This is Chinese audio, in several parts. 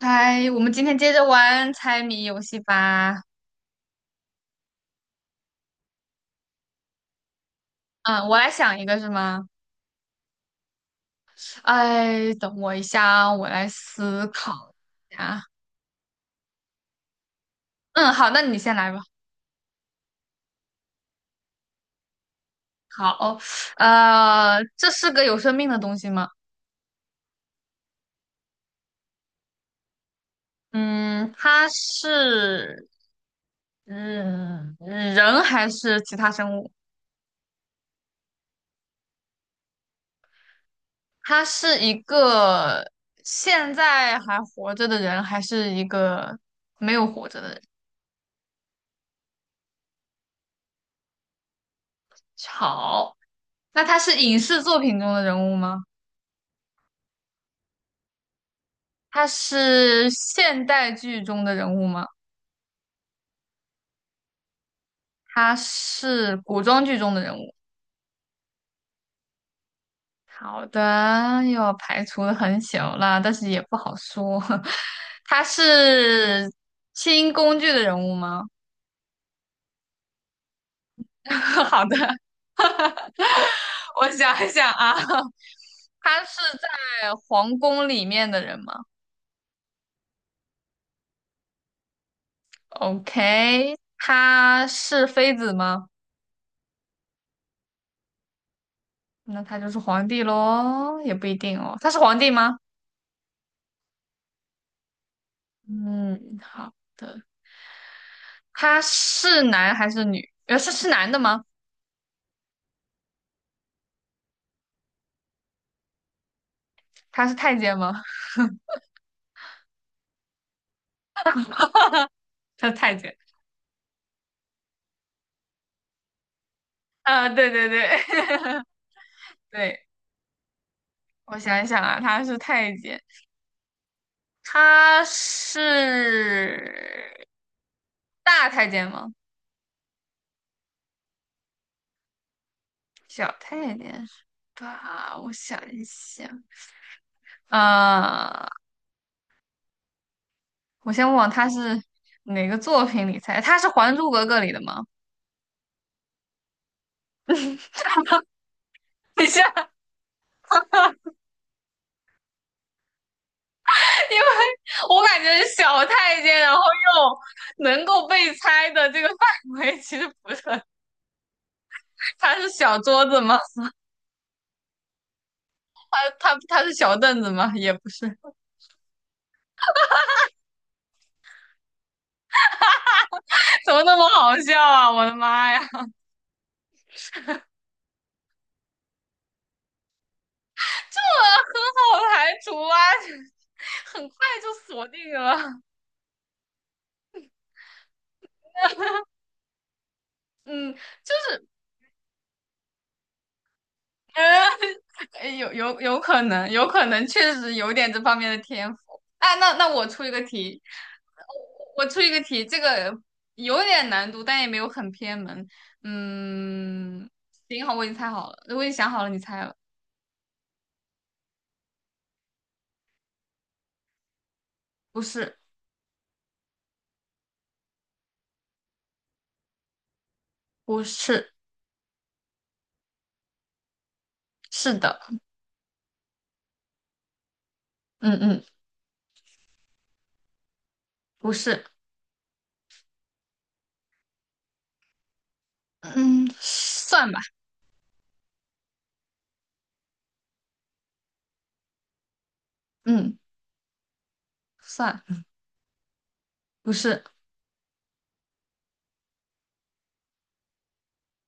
嗨，我们今天接着玩猜谜游戏吧。嗯，我来想一个是吗？哎，等我一下啊，我来思考一下。嗯，好，那你先来吧。好，这是个有生命的东西吗？嗯，它是嗯人还是其他生物？它是一个现在还活着的人，还是一个没有活着的人？好，那他是影视作品中的人物吗？他是现代剧中的人物吗？他是古装剧中的人物。好的，又要排除的很小了，但是也不好说。他是清宫剧的人物吗？好的，我想一想啊，他是在皇宫里面的人吗？OK，他是妃子吗？那他就是皇帝喽，也不一定哦。他是皇帝吗？嗯，好的。他是男还是女？是男的吗？他是太监吗？他是太监啊，对对对，对，我想一想啊，他是太监，他是大太监吗？小太监是吧？我想一想，啊，我先问他是哪个作品里猜？他是《还珠格格》里的吗？等一下，因为我感觉小太监，然后又能够被猜的这个范围其实不是很他是小桌子吗？他是小凳子吗？也不是，怎么那么好笑啊！我的妈呀，这很好排除啊，很快就锁定了。嗯，就是嗯，有可能，有可能确实有点这方面的天赋。哎，那我出一个题，我出一个题，这个有点难度，但也没有很偏门。嗯，行，好，我已经猜好了，我已经想好了，你猜了，不是，不是，是的。嗯嗯，不是，嗯，算吧，嗯，算，不是，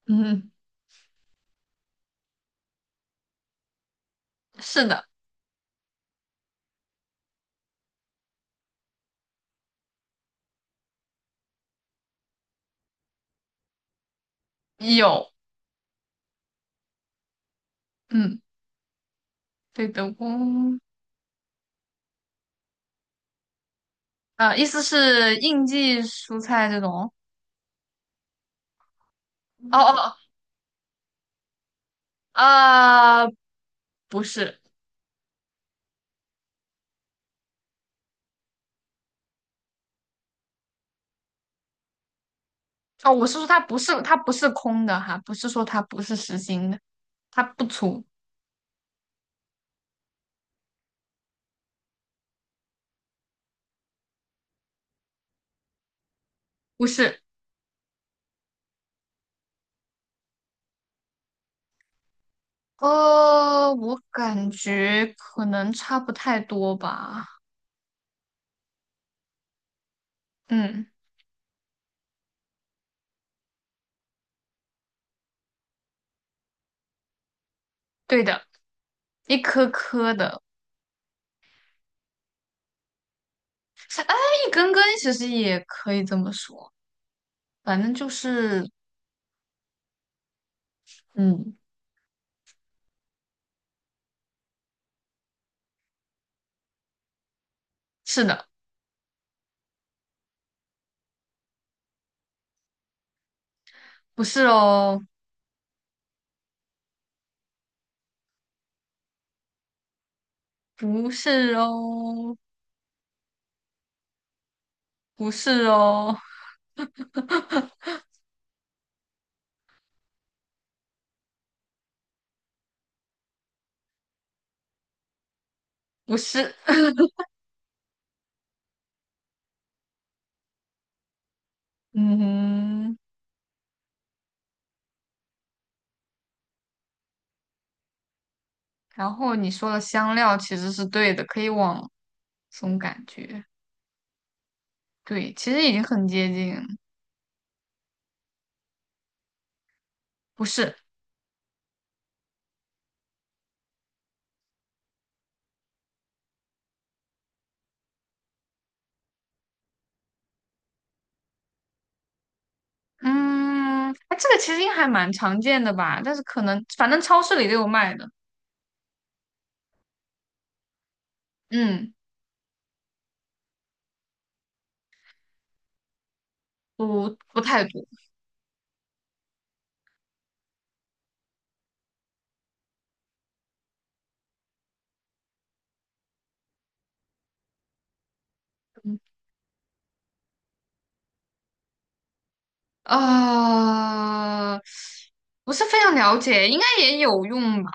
嗯，是的，有，嗯，对的，工，意思是应季蔬菜这种，哦哦，啊、呃不是，哦，我是说它不是，它不是空的哈，不是说它不是实心的，它不粗，不是，我感觉可能差不太多吧，嗯，对的，一颗颗的。哎，一根根其实也可以这么说，反正就是，嗯，是的，不是哦，不是哦，不是哦，不是，嗯，然后你说的香料其实是对的，可以往这种感觉，对，其实已经很接近，不是，嗯，哎，这个其实应该还蛮常见的吧，但是可能反正超市里都有卖的，嗯，不太多，嗯啊，不是非常了解，应该也有用吧？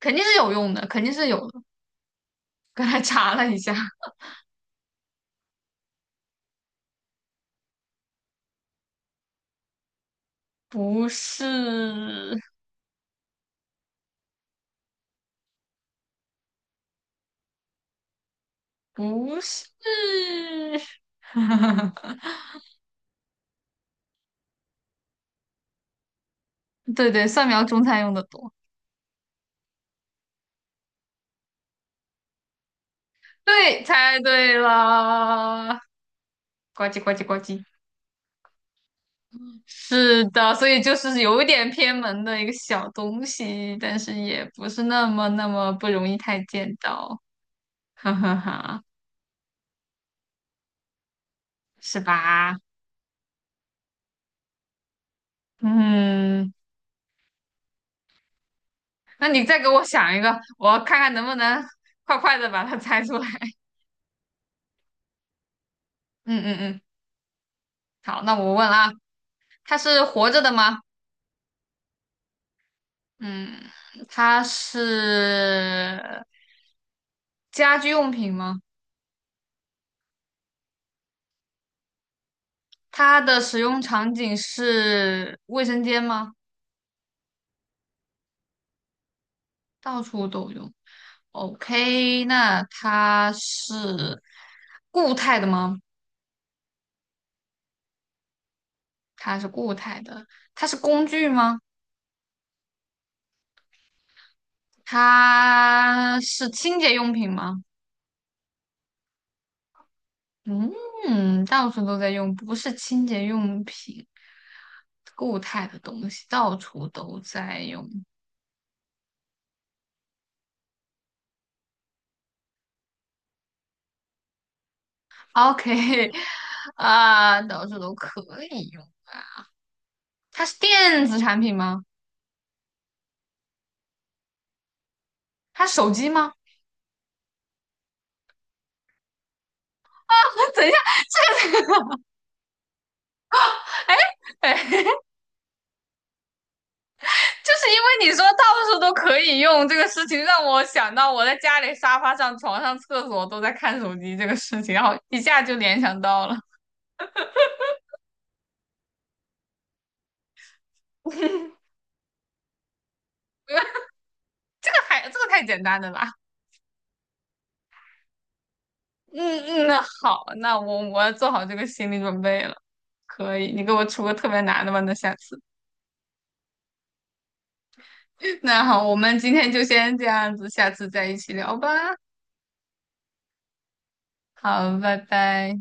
肯定是有用的，肯定是有的刚才查了一下，不是，不是，对对，蒜苗中餐用的多。对，猜对了，呱唧呱唧呱唧。是的，所以就是有一点偏门的一个小东西，但是也不是那么那么不容易太见到，哈哈哈，是吧？嗯。那你再给我想一个，我看看能不能快快的把它猜出来。嗯嗯嗯，好，那我问了啊，它是活着的吗？嗯，它是家居用品吗？它的使用场景是卫生间吗？到处都用。OK，那它是固态的吗？它是固态的，它是工具吗？它是清洁用品吗？嗯，到处都在用，不是清洁用品，固态的东西到处都在用。OK，啊，到处都可以用。啊。它是电子产品吗？它是手机吗？等一下，哎哎，就是因为你说到处都可以用这个事情，让我想到我在家里沙发上、床上、厕所都在看手机这个事情，然后一下就联想到了。这个还这个太简单了吧？嗯嗯，那好，那我要做好这个心理准备了。可以，你给我出个特别难的吧，那下次。那好，我们今天就先这样子，下次再一起聊吧。好，拜拜。